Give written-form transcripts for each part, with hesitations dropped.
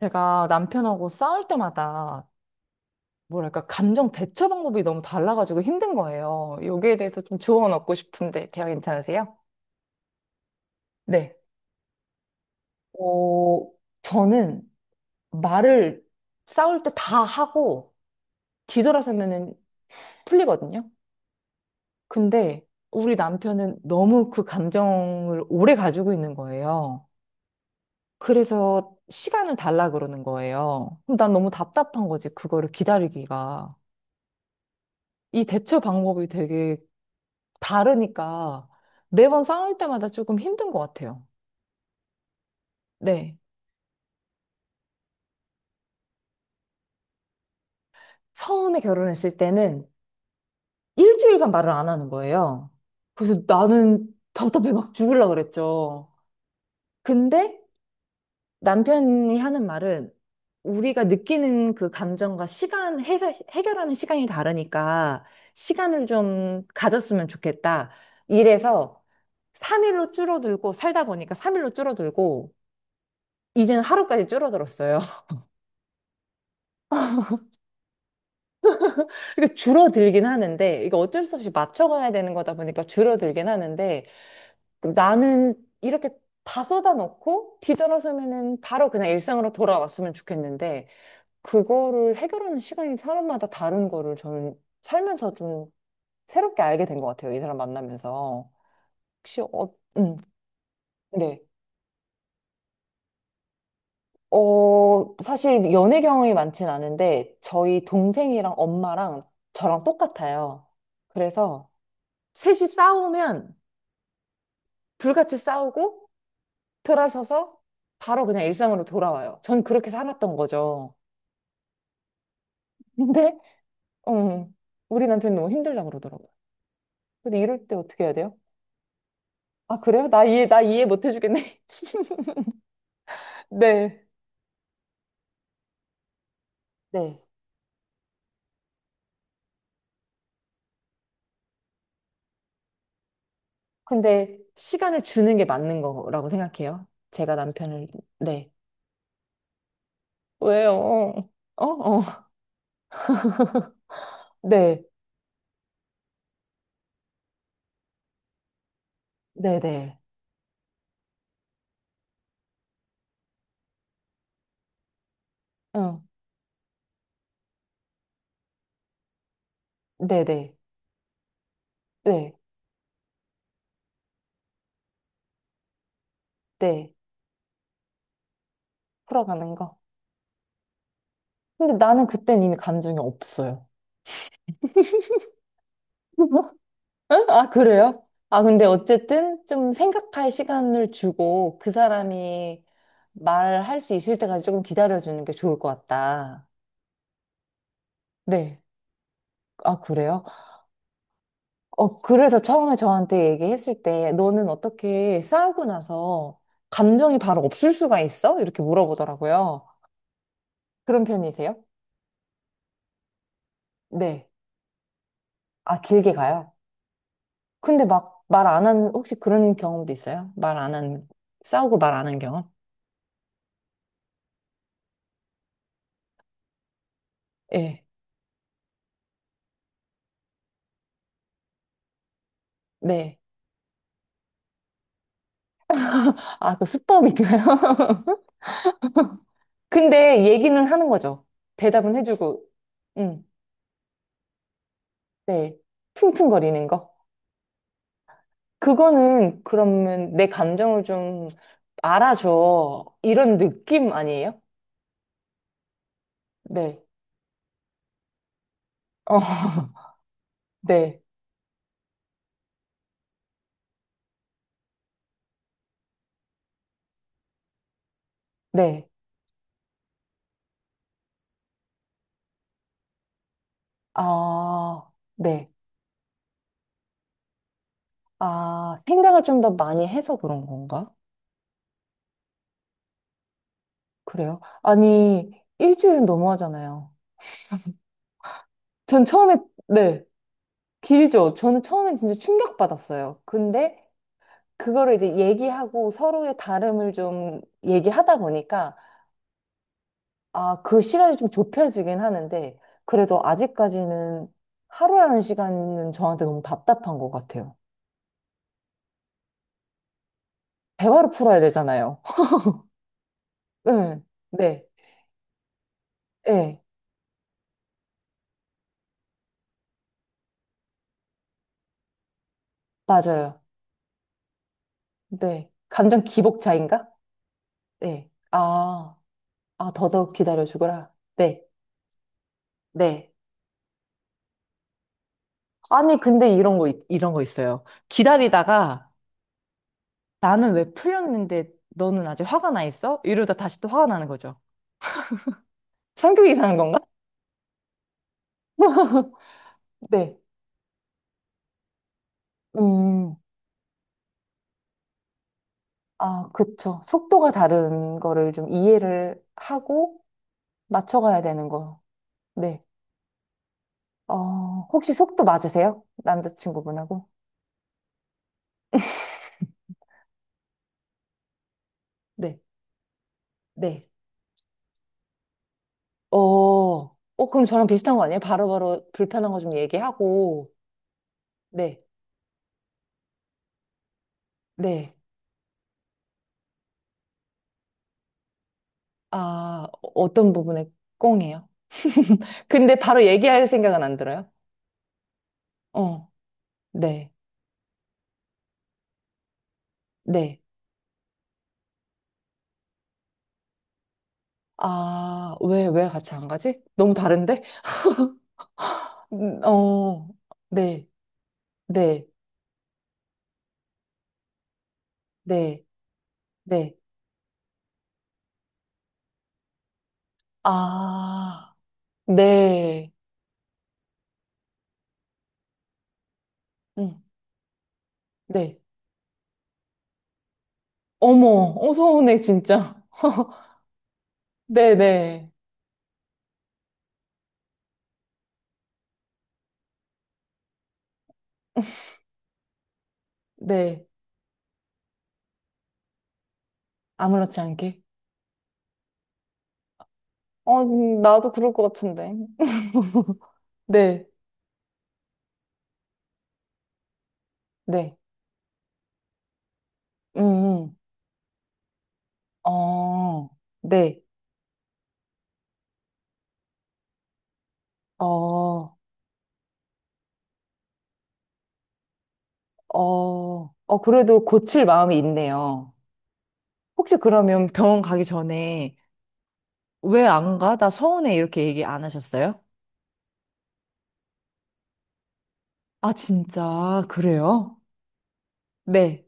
제가 남편하고 싸울 때마다 뭐랄까 감정 대처 방법이 너무 달라가지고 힘든 거예요. 여기에 대해서 좀 조언 얻고 싶은데 대화 괜찮으세요? 네. 어, 저는 말을 싸울 때 다 하고 뒤돌아서면은 풀리거든요. 근데 우리 남편은 너무 그 감정을 오래 가지고 있는 거예요. 그래서 시간을 달라 그러는 거예요. 그럼 난 너무 답답한 거지, 그거를 기다리기가. 이 대처 방법이 되게 다르니까 매번 싸울 때마다 조금 힘든 것 같아요. 네. 처음에 결혼했을 때는 일주일간 말을 안 하는 거예요. 그래서 나는 답답해 막 죽을라 그랬죠. 근데 남편이 하는 말은 우리가 느끼는 그 감정과 시간, 해결하는 시간이 다르니까 시간을 좀 가졌으면 좋겠다. 이래서 3일로 줄어들고 살다 보니까 3일로 줄어들고 이제는 하루까지 줄어들었어요. 그까 줄어들긴 하는데, 이거 어쩔 수 없이 맞춰가야 되는 거다 보니까 줄어들긴 하는데, 나는 이렇게 다 쏟아놓고 뒤돌아서면은 바로 그냥 일상으로 돌아왔으면 좋겠는데, 그거를 해결하는 시간이 사람마다 다른 거를 저는 살면서 좀 새롭게 알게 된 것 같아요. 이 사람 만나면서. 혹시, 네. 사실 연애 경험이 많진 않은데, 저희 동생이랑 엄마랑 저랑 똑같아요. 그래서 셋이 싸우면 불같이 싸우고 돌아서서 바로 그냥 일상으로 돌아와요. 전 그렇게 살았던 거죠. 근데 음, 우리 남편이 너무 힘들다고 그러더라고요. 근데 이럴 때 어떻게 해야 돼요? 아, 그래요? 나 이해 못 해주겠네. 네. 네. 근데 시간을 주는 게 맞는 거라고 생각해요. 제가 남편을, 네. 왜요? 어, 어. 네. 네네. 어. 네네. 네. 네. 네. 풀어가는 거. 근데 나는 그땐 이미 감정이 없어요. 응? 아, 그래요? 아, 근데 어쨌든 좀 생각할 시간을 주고 그 사람이 말할 수 있을 때까지 조금 기다려주는 게 좋을 것 같다. 네. 아, 그래요? 그래서 처음에 저한테 얘기했을 때 너는 어떻게 싸우고 나서 감정이 바로 없을 수가 있어? 이렇게 물어보더라고요. 그런 편이세요? 네. 아, 길게 가요? 근데 막 말 안 한, 혹시 그런 경험도 있어요? 말 안 한, 싸우고 말 안 한 경험? 예. 네. 아, 그 수법인가요? 근데 얘기는 하는 거죠. 대답은 해주고, 응 네. 퉁퉁거리는 거. 그거는 그러면 내 감정을 좀 알아줘. 이런 느낌 아니에요? 네. 어, 네. 네. 아, 네. 아, 생각을 좀 더 많이 해서 그런 건가? 그래요? 아니, 일주일은 너무하잖아요. 전 처음에, 네. 길죠. 저는 처음엔 진짜 충격받았어요. 근데 그거를 이제 얘기하고 서로의 다름을 좀 얘기하다 보니까 아, 그 시간이 좀 좁혀지긴 하는데 그래도 아직까지는 하루라는 시간은 저한테 너무 답답한 것 같아요. 대화로 풀어야 되잖아요. 응, 네, 네, 맞아요. 네. 감정 기복차인가? 네. 아, 아, 더더욱 기다려 주거라. 네, 네. 아니, 근데 이런 거, 이런 거 있어요. 기다리다가 나는 왜 풀렸는데 너는 아직 화가 나 있어? 이러다 다시 또 화가 나는 거죠. 성격이 이상한 건가? 네. 음, 아, 그쵸. 속도가 다른 거를 좀 이해를 하고 맞춰가야 되는 거. 네. 혹시 속도 맞으세요? 남자친구분하고? 네, 네. 그럼 저랑 비슷한 거 아니에요? 바로바로 불편한 거 좀 얘기하고, 네, 네. 아, 어떤 부분에 꽁이에요? 근데 바로 얘기할 생각은 안 들어요? 어, 네, 네. 아, 왜 같이 안 가지? 너무 다른데? 어, 네, 네, 네, 네. 아, 네, 응, 네. 어머, 어, 서운해, 진짜. 네, 네, 네. 아무렇지 않게. 나도 그럴 것 같은데. 네, 네. 음, 음. 어, 네. 어, 그래도 고칠 마음이 있네요. 혹시 그러면 병원 가기 전에 왜 안 가? 나 서운해. 이렇게 얘기 안 하셨어요? 아, 진짜, 그래요? 네.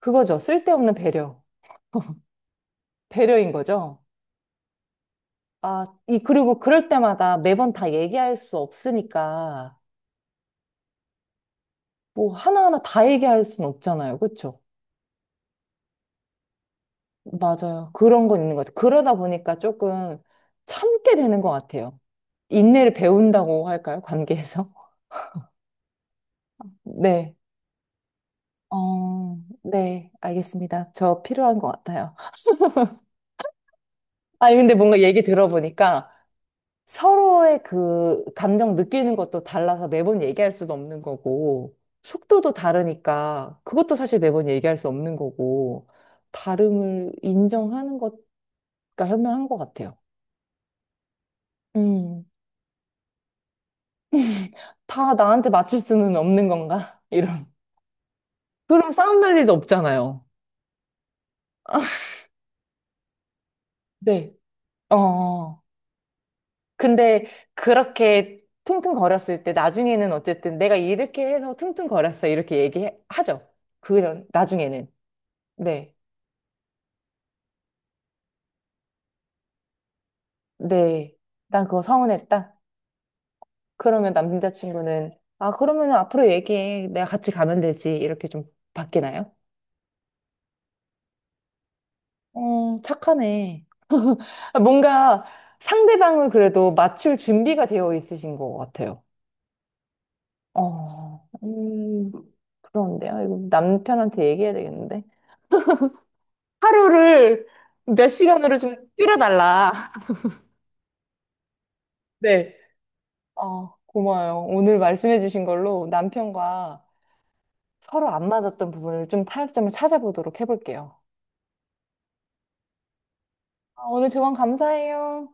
그거죠. 쓸데없는 배려. 배려인 거죠. 아, 이, 그리고 그럴 때마다 매번 다 얘기할 수 없으니까, 뭐, 하나하나 다 얘기할 수는 없잖아요. 그쵸? 맞아요. 그런 건 있는 것 같아요. 그러다 보니까 조금 참게 되는 것 같아요. 인내를 배운다고 할까요? 관계에서? 네. 어, 네. 알겠습니다. 저 필요한 것 같아요. 아니, 근데 뭔가 얘기 들어보니까 서로의 그 감정 느끼는 것도 달라서 매번 얘기할 수도 없는 거고, 속도도 다르니까 그것도 사실 매번 얘기할 수 없는 거고, 다름을 인정하는 것과 현명한 것 같아요. 음. 다 나한테 맞출 수는 없는 건가? 이런. 그럼 싸움 날 일도 없잖아요. 네. 어. 근데 그렇게 퉁퉁거렸을 때 나중에는 어쨌든 내가 이렇게 해서 퉁퉁거렸어 이렇게 얘기하죠. 그런 나중에는 네, 네, 난 그거 서운했다. 그러면 남자친구는 아 그러면 앞으로 얘기해 내가 같이 가면 되지 이렇게 좀 바뀌나요? 어 착하네. 아, 뭔가 상대방을 그래도 맞출 준비가 되어 있으신 것 같아요. 어, 음, 그런데요. 이거 남편한테 얘기해야 되겠는데. 하루를 몇 시간으로 좀 줄여달라. 네. 고마워요. 오늘 말씀해주신 걸로 남편과 서로 안 맞았던 부분을 좀 타협점을 찾아보도록 해볼게요. 아, 오늘 조언 감사해요.